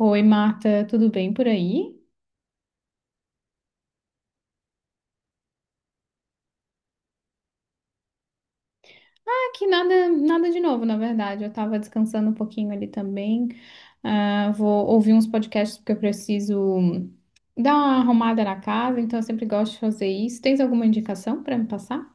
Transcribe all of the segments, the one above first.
Oi, Marta, tudo bem por aí? Aqui nada, nada de novo, na verdade. Eu tava descansando um pouquinho ali também. Ah, vou ouvir uns podcasts porque eu preciso dar uma arrumada na casa, então eu sempre gosto de fazer isso. Tens alguma indicação para me passar?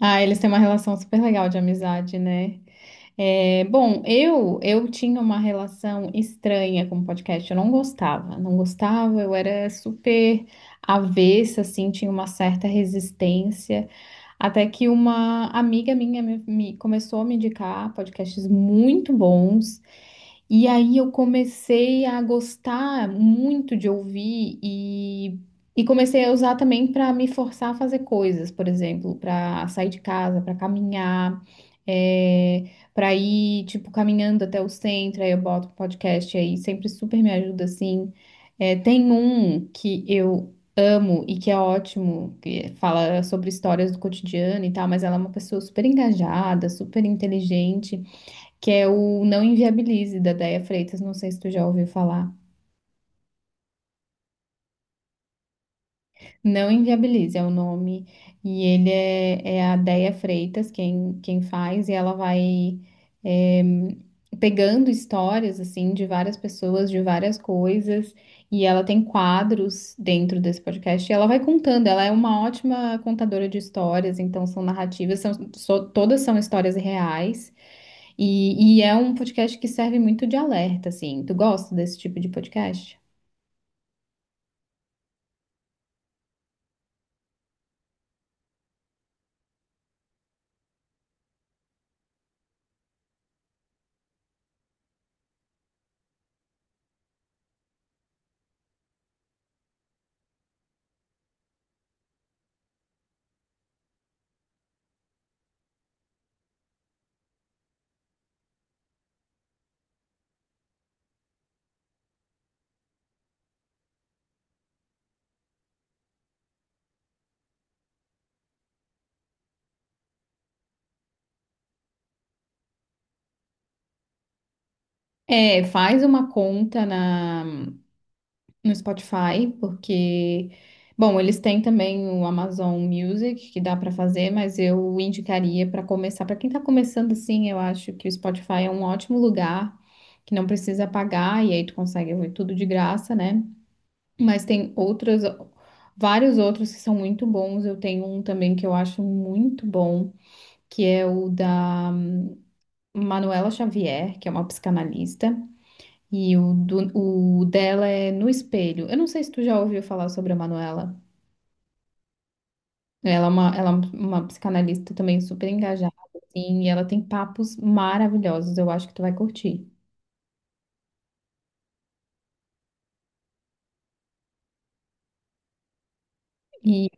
Ah, eles têm uma relação super legal de amizade, né? É, bom, eu tinha uma relação estranha com podcast. Eu não gostava, não gostava. Eu era super avessa, assim, tinha uma certa resistência. Até que uma amiga minha começou a me indicar podcasts muito bons e aí eu comecei a gostar muito de ouvir e comecei a usar também para me forçar a fazer coisas, por exemplo, para sair de casa, para caminhar, é, para ir tipo caminhando até o centro, aí eu boto um podcast aí, sempre super me ajuda assim. É, tem um que eu amo e que é ótimo, que fala sobre histórias do cotidiano e tal, mas ela é uma pessoa super engajada, super inteligente que é o Não Inviabilize, da Déia Freitas, não sei se tu já ouviu falar. Não Inviabilize é o nome, e é a Déia Freitas quem faz, e ela vai eh, pegando histórias, assim, de várias pessoas, de várias coisas, e ela tem quadros dentro desse podcast, e ela vai contando, ela é uma ótima contadora de histórias, então são narrativas, todas são histórias reais, e é um podcast que serve muito de alerta, assim. Tu gosta desse tipo de podcast? É, faz uma conta no Spotify, porque, bom, eles têm também o Amazon Music, que dá para fazer, mas eu indicaria para começar. Para quem está começando assim, eu acho que o Spotify é um ótimo lugar, que não precisa pagar, e aí tu consegue ouvir tudo de graça, né? Mas tem outros, vários outros que são muito bons. Eu tenho um também que eu acho muito bom que é o da Manuela Xavier, que é uma psicanalista, e o, do, o dela é No Espelho. Eu não sei se tu já ouviu falar sobre a Manuela. Ela é uma psicanalista também super engajada, assim, e ela tem papos maravilhosos, eu acho que tu vai curtir. E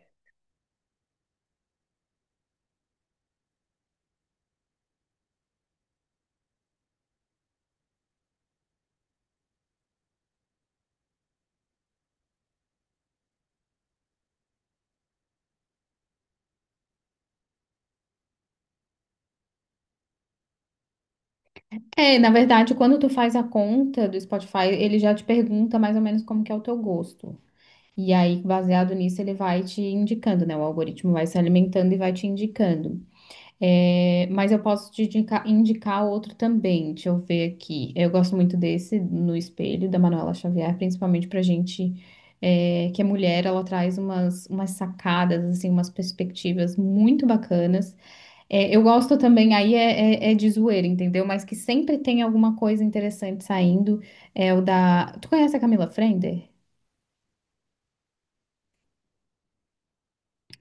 é, na verdade, quando tu faz a conta do Spotify, ele já te pergunta mais ou menos como que é o teu gosto. E aí, baseado nisso, ele vai te indicando, né? O algoritmo vai se alimentando e vai te indicando. É, mas eu posso indicar, outro também. Deixa eu ver aqui. Eu gosto muito desse No Espelho da Manuela Xavier, principalmente pra gente que é mulher, ela traz umas, umas sacadas, assim, umas perspectivas muito bacanas. É, eu gosto também, aí é de zoeira, entendeu? Mas que sempre tem alguma coisa interessante saindo. É o da. Tu conhece a Camila Frender?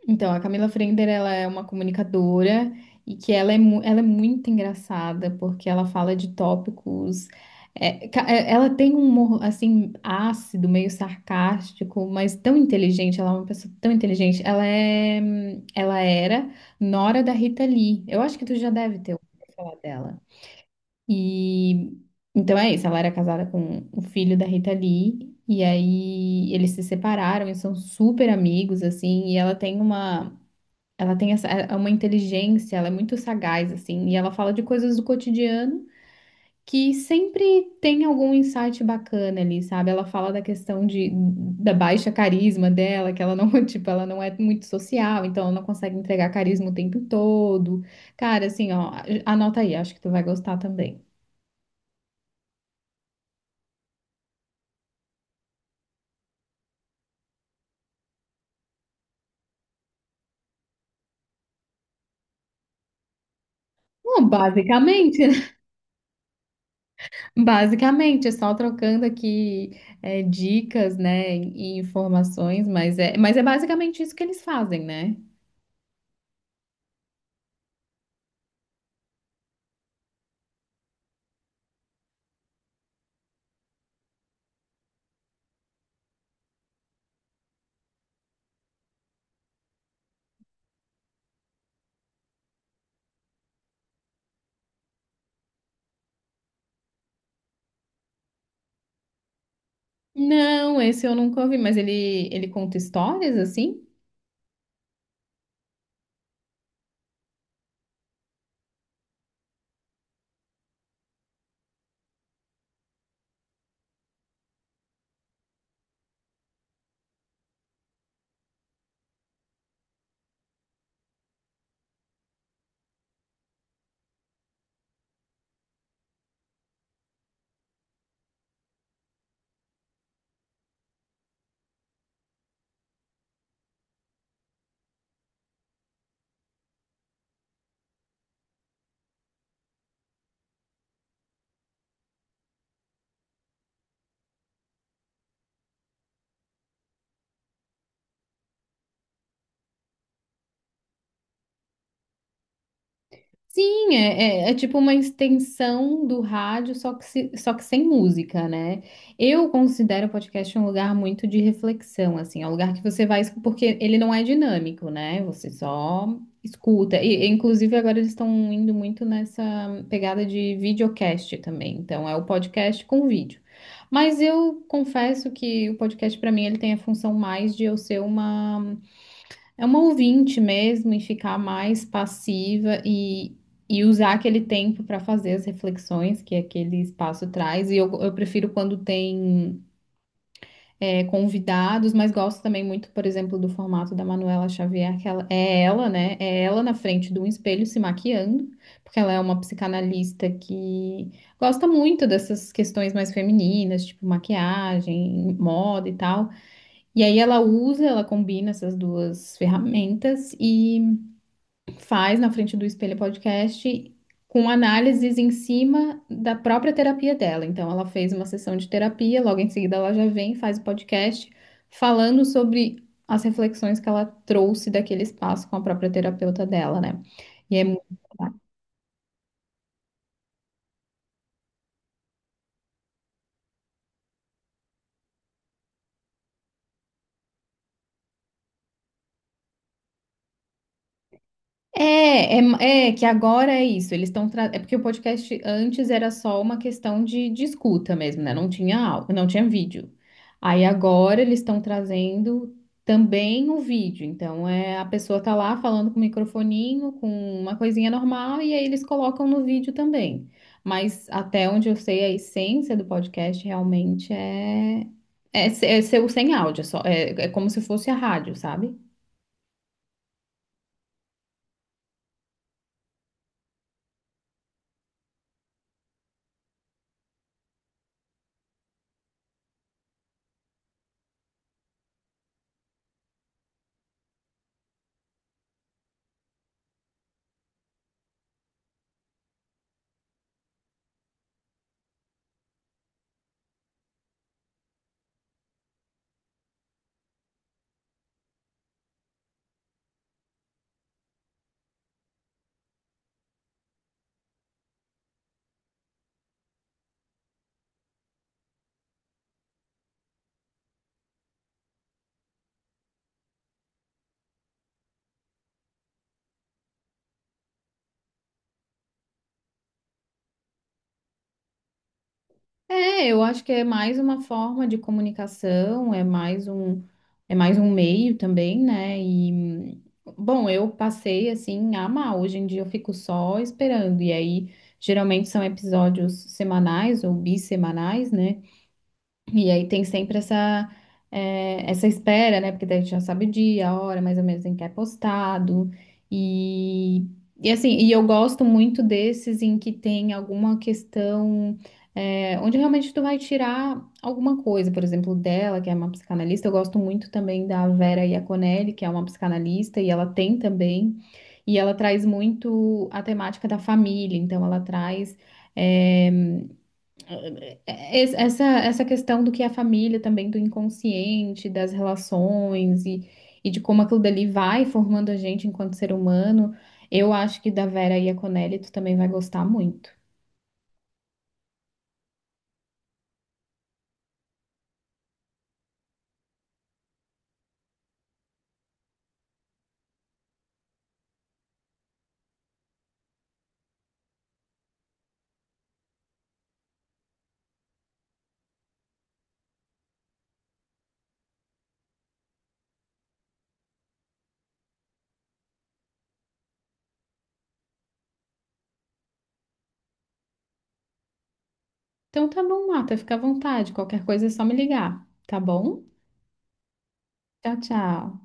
Então, a Camila Frender, ela é uma comunicadora e que ela ela é muito engraçada porque ela fala de tópicos. Ela tem um humor, assim, ácido, meio sarcástico, mas tão inteligente. Ela é uma pessoa tão inteligente. Ela é, ela era nora da Rita Lee. Eu acho que tu já deve ter ouvido falar dela. E então é isso, ela era casada com o filho da Rita Lee, e aí eles se separaram e são super amigos, assim, e ela tem uma, ela tem essa, é uma inteligência, ela é muito sagaz, assim, e ela fala de coisas do cotidiano que sempre tem algum insight bacana ali, sabe? Ela fala da questão de, da baixa carisma dela, que ela não, tipo, ela não é muito social, então ela não consegue entregar carisma o tempo todo. Cara, assim, ó, anota aí, acho que tu vai gostar também. Bom, basicamente, né? Basicamente, é só trocando aqui dicas, né, e informações, mas é basicamente isso que eles fazem, né? Não, esse eu nunca ouvi, mas ele conta histórias assim? Sim, é tipo uma extensão do rádio, só que, se- só que sem música, né? Eu considero o podcast um lugar muito de reflexão, assim, é um lugar que você vai, porque ele não é dinâmico, né? Você só escuta. Inclusive, agora eles estão indo muito nessa pegada de videocast também. Então, é o podcast com vídeo. Mas eu confesso que o podcast, para mim, ele tem a função mais de eu ser uma. É uma ouvinte mesmo e ficar mais passiva e usar aquele tempo para fazer as reflexões que aquele espaço traz. E eu prefiro quando tem convidados, mas gosto também muito, por exemplo, do formato da Manuela Xavier, que ela, é ela, né? É ela na frente de um espelho se maquiando, porque ela é uma psicanalista que gosta muito dessas questões mais femininas, tipo maquiagem, moda e tal. E aí ela usa, ela combina essas duas ferramentas e faz na frente do espelho podcast com análises em cima da própria terapia dela. Então, ela fez uma sessão de terapia, logo em seguida ela já vem, faz o podcast falando sobre as reflexões que ela trouxe daquele espaço com a própria terapeuta dela, né? E é muito é, é, é que agora é isso. Eles estão tra... é porque o podcast antes era só uma questão de escuta mesmo, né? Não tinha áudio, não tinha vídeo. Aí agora eles estão trazendo também o vídeo. Então é a pessoa tá lá falando com o microfoninho, com uma coisinha normal e aí eles colocam no vídeo também. Mas até onde eu sei, a essência do podcast realmente é ser o sem áudio, é só como se fosse a rádio, sabe? É, eu acho que é mais uma forma de comunicação, é mais um meio também, né? E bom, eu passei assim a amar. Hoje em dia eu fico só esperando. E aí, geralmente são episódios semanais ou bissemanais, né? E aí tem sempre essa, essa espera, né? Porque daí a gente já sabe o dia, a hora, mais ou menos em que é postado. E, e eu gosto muito desses em que tem alguma questão, onde realmente tu vai tirar alguma coisa, por exemplo, dela, que é uma psicanalista. Eu gosto muito também da Vera Iaconelli, que é uma psicanalista, e ela tem também, e ela traz muito a temática da família, então ela traz. eh, Essa, essa questão do que é a família também, do inconsciente, das relações e de como aquilo dali vai formando a gente enquanto ser humano, eu acho que da Vera e a Conelli tu também vai gostar muito. Então tá bom, Marta, fica à vontade. Qualquer coisa é só me ligar, tá bom? Tchau, tchau.